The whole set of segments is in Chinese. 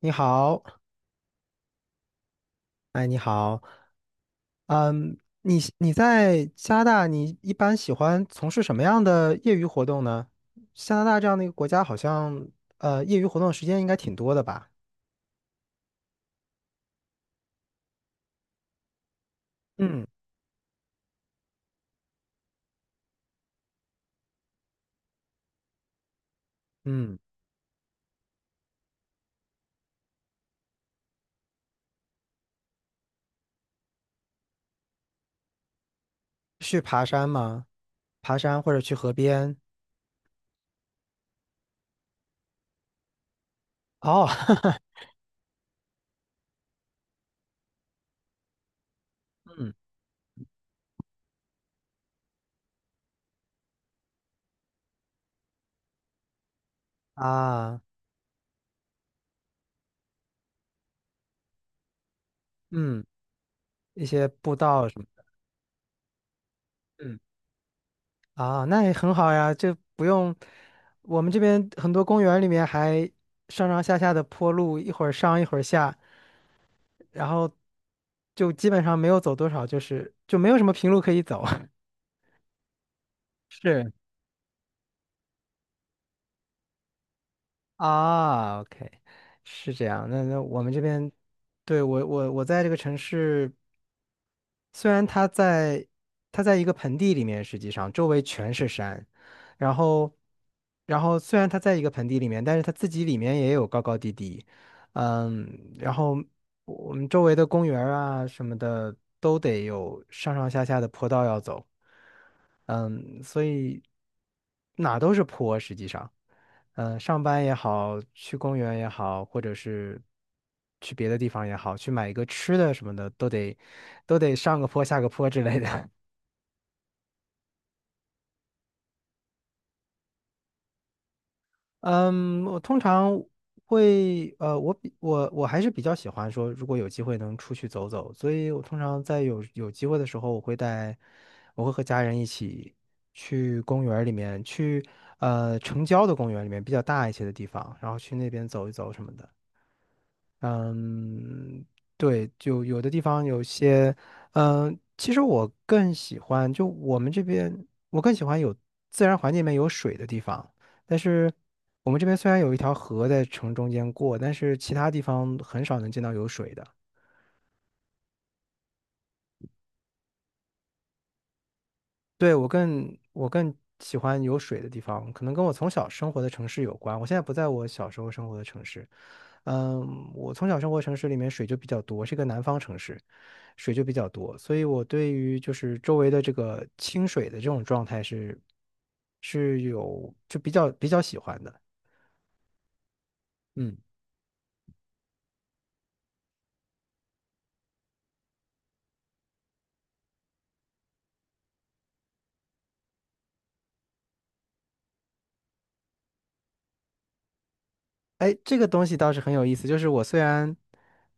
你好。哎，你好。嗯，你在加拿大，你一般喜欢从事什么样的业余活动呢？加拿大这样的一个国家，好像业余活动时间应该挺多的吧？嗯嗯。去爬山吗？爬山或者去河边？哦。嗯啊。嗯，一些步道什么的。嗯啊，那也很好呀，就不用。我们这边很多公园里面还上上下下的坡路，一会儿上一会儿下。然后就基本上没有走多少，就是就没有什么平路可以走。是啊，OK，是这样。那那我们这边，对，我在这个城市，虽然它在一个盆地里面，实际上周围全是山。然后然后虽然它在一个盆地里面，但是它自己里面也有高高低低。嗯，然后我们周围的公园儿啊什么的都得有上上下下的坡道要走。嗯，所以哪都是坡，实际上。嗯，上班也好，去公园也好，或者是去别的地方也好，去买一个吃的什么的，都得上个坡下个坡之类的。嗯，我通常会。呃，我还是比较喜欢说，如果有机会能出去走走，所以我通常在有机会的时候，我会带，我会和家人一起去公园儿里面，去城郊的公园里面比较大一些的地方，然后去那边走一走什么的。嗯，对，就有的地方有些。嗯，其实我更喜欢，就我们这边，我更喜欢有自然环境里面有水的地方。但是我们这边虽然有一条河在城中间过，但是其他地方很少能见到有水的。对，我更喜欢有水的地方，可能跟我从小生活的城市有关。我现在不在我小时候生活的城市。嗯，我从小生活城市里面水就比较多，是一个南方城市，水就比较多，所以我对于就是周围的这个清水的这种状态是有就比较喜欢的。嗯。哎，这个东西倒是很有意思。就是我虽然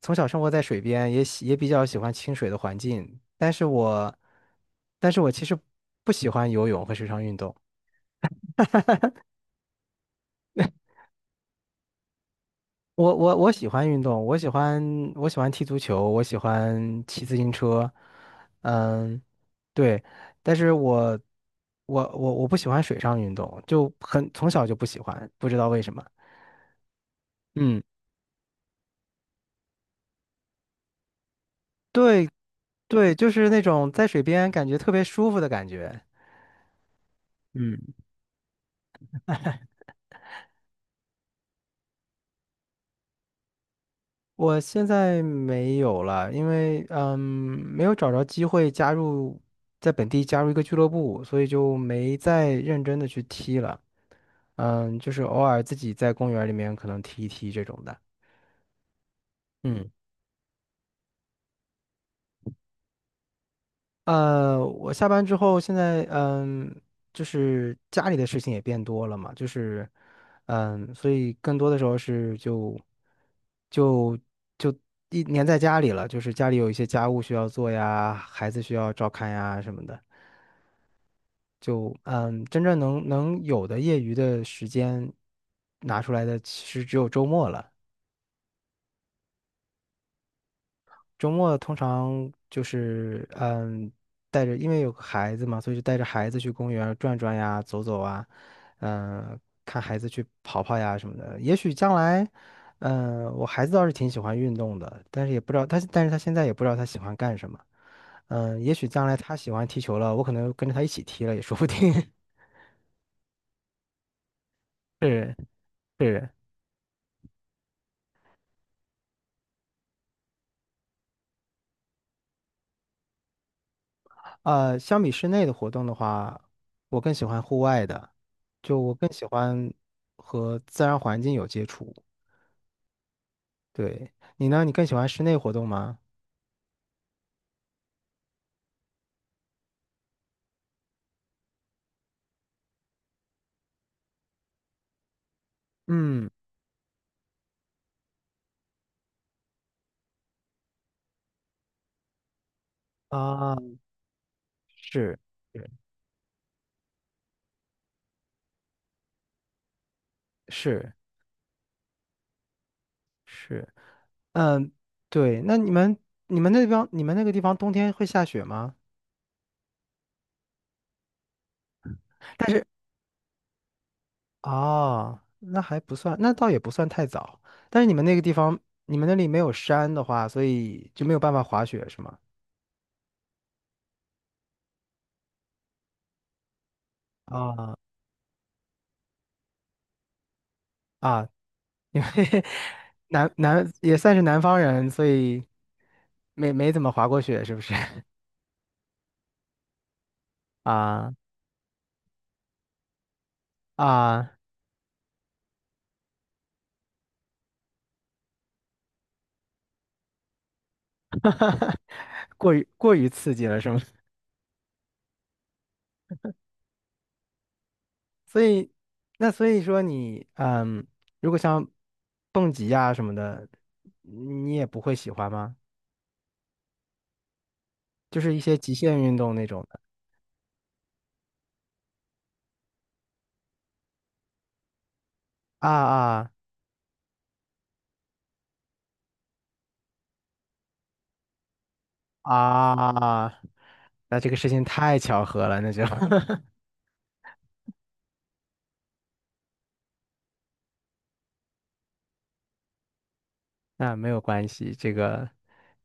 从小生活在水边，也比较喜欢清水的环境，但是我其实不喜欢游泳和水上运动。我喜欢运动，我喜欢踢足球，我喜欢骑自行车。嗯，对，但是我不喜欢水上运动，就很从小就不喜欢，不知道为什么。嗯，对对，就是那种在水边感觉特别舒服的感觉。嗯。我现在没有了，因为没有找着机会在本地加入一个俱乐部，所以就没再认真的去踢了。嗯，就是偶尔自己在公园里面可能踢一踢这种的。嗯。我下班之后，现在就是家里的事情也变多了嘛，就是所以更多的时候是就就一黏在家里了，就是家里有一些家务需要做呀，孩子需要照看呀什么的，就真正能有的业余的时间拿出来的，其实只有周末了。周末通常就是带着因为有个孩子嘛，所以就带着孩子去公园儿转转呀、走走啊。嗯，看孩子去跑跑呀什么的。也许将来，嗯，我孩子倒是挺喜欢运动的，但是他现在也不知道他喜欢干什么。嗯，也许将来他喜欢踢球了，我可能跟着他一起踢了也说不定。是是。呃，相比室内的活动的话，我更喜欢户外的，就我更喜欢和自然环境有接触。对，你呢？你更喜欢室内活动吗？嗯。啊，是是是是。嗯，对。那你们那个地方冬天会下雪吗？但是哦，那还不算，那倒也不算太早。但是你们那个地方，你们那里没有山的话，所以就没有办法滑雪，是吗？啊啊。因为 南也算是南方人，所以没怎么滑过雪，是不是？啊啊。 哈哈，过于刺激了，是吗？所以，那所以说你，嗯，如果像蹦极呀什么的，你也不会喜欢吗？就是一些极限运动那种的。啊啊啊！那这个事情太巧合了，那就。 那没有关系，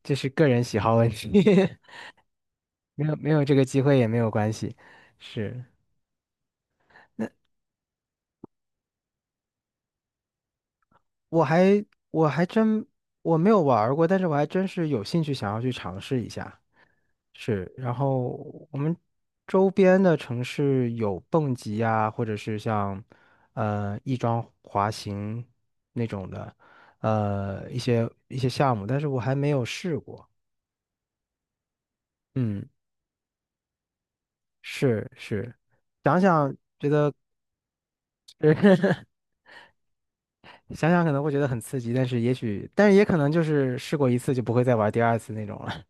这是个人喜好问题。没有没有这个机会也没有关系，是。我还我还真我没有玩儿过，但是我还真是有兴趣想要去尝试一下。是，然后我们周边的城市有蹦极呀，或者是像翼装滑行那种的，一些项目，但是我还没有试过。嗯，是是。想想觉得。 想想可能会觉得很刺激，但是也可能就是试过一次就不会再玩第二次那种了。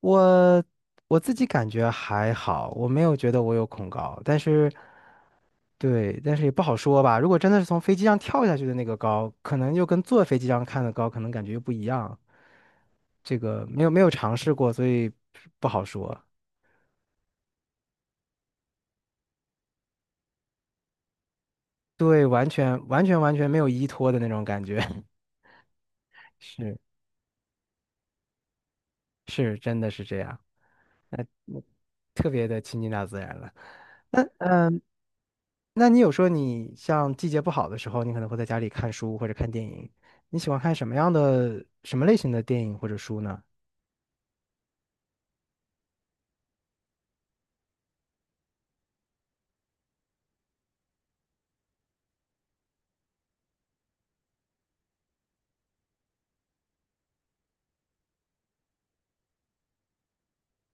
我我自己感觉还好，我没有觉得我有恐高，但是，对，但是也不好说吧。如果真的是从飞机上跳下去的那个高，可能又跟坐飞机上看的高，可能感觉又不一样。这个没有尝试过，所以不好说。对，完全没有依托的那种感觉。是是，真的是这样。那特别的亲近大自然了。那。那你有说你像季节不好的时候，你可能会在家里看书或者看电影，你喜欢看什么类型的电影或者书呢？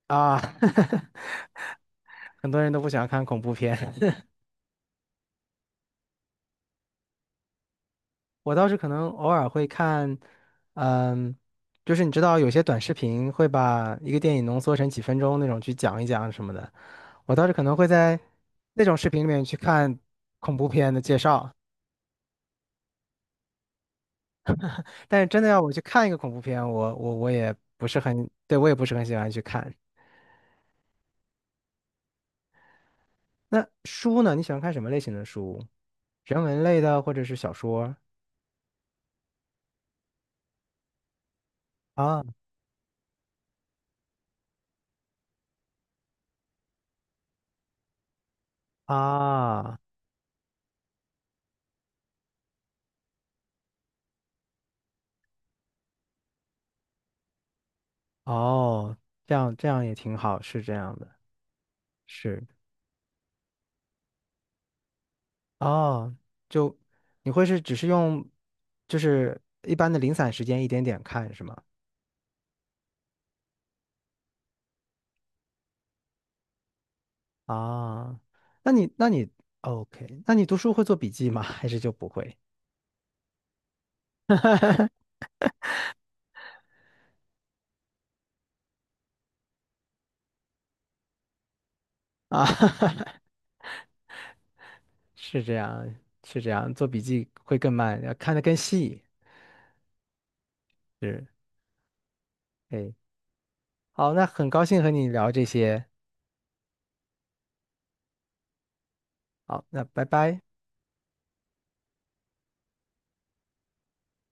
啊。很多人都不喜欢看恐怖片。我倒是可能偶尔会看。嗯，就是你知道有些短视频会把一个电影浓缩成几分钟那种去讲一讲什么的，我倒是可能会在那种视频里面去看恐怖片的介绍，但是真的要我去看一个恐怖片，我也不是很，对，我也不是很喜欢去看。那书呢？你喜欢看什么类型的书？人文类的，或者是小说？啊啊。哦，这样这样也挺好，是这样的，是。哦，就你会是只是用就是一般的零散时间一点点看是吗？啊，那你 OK，那你读书会做笔记吗？还是就不会啊？是这样，是这样，做笔记会更慢，要看得更细。是。哎，好，那很高兴和你聊这些。好，那拜拜。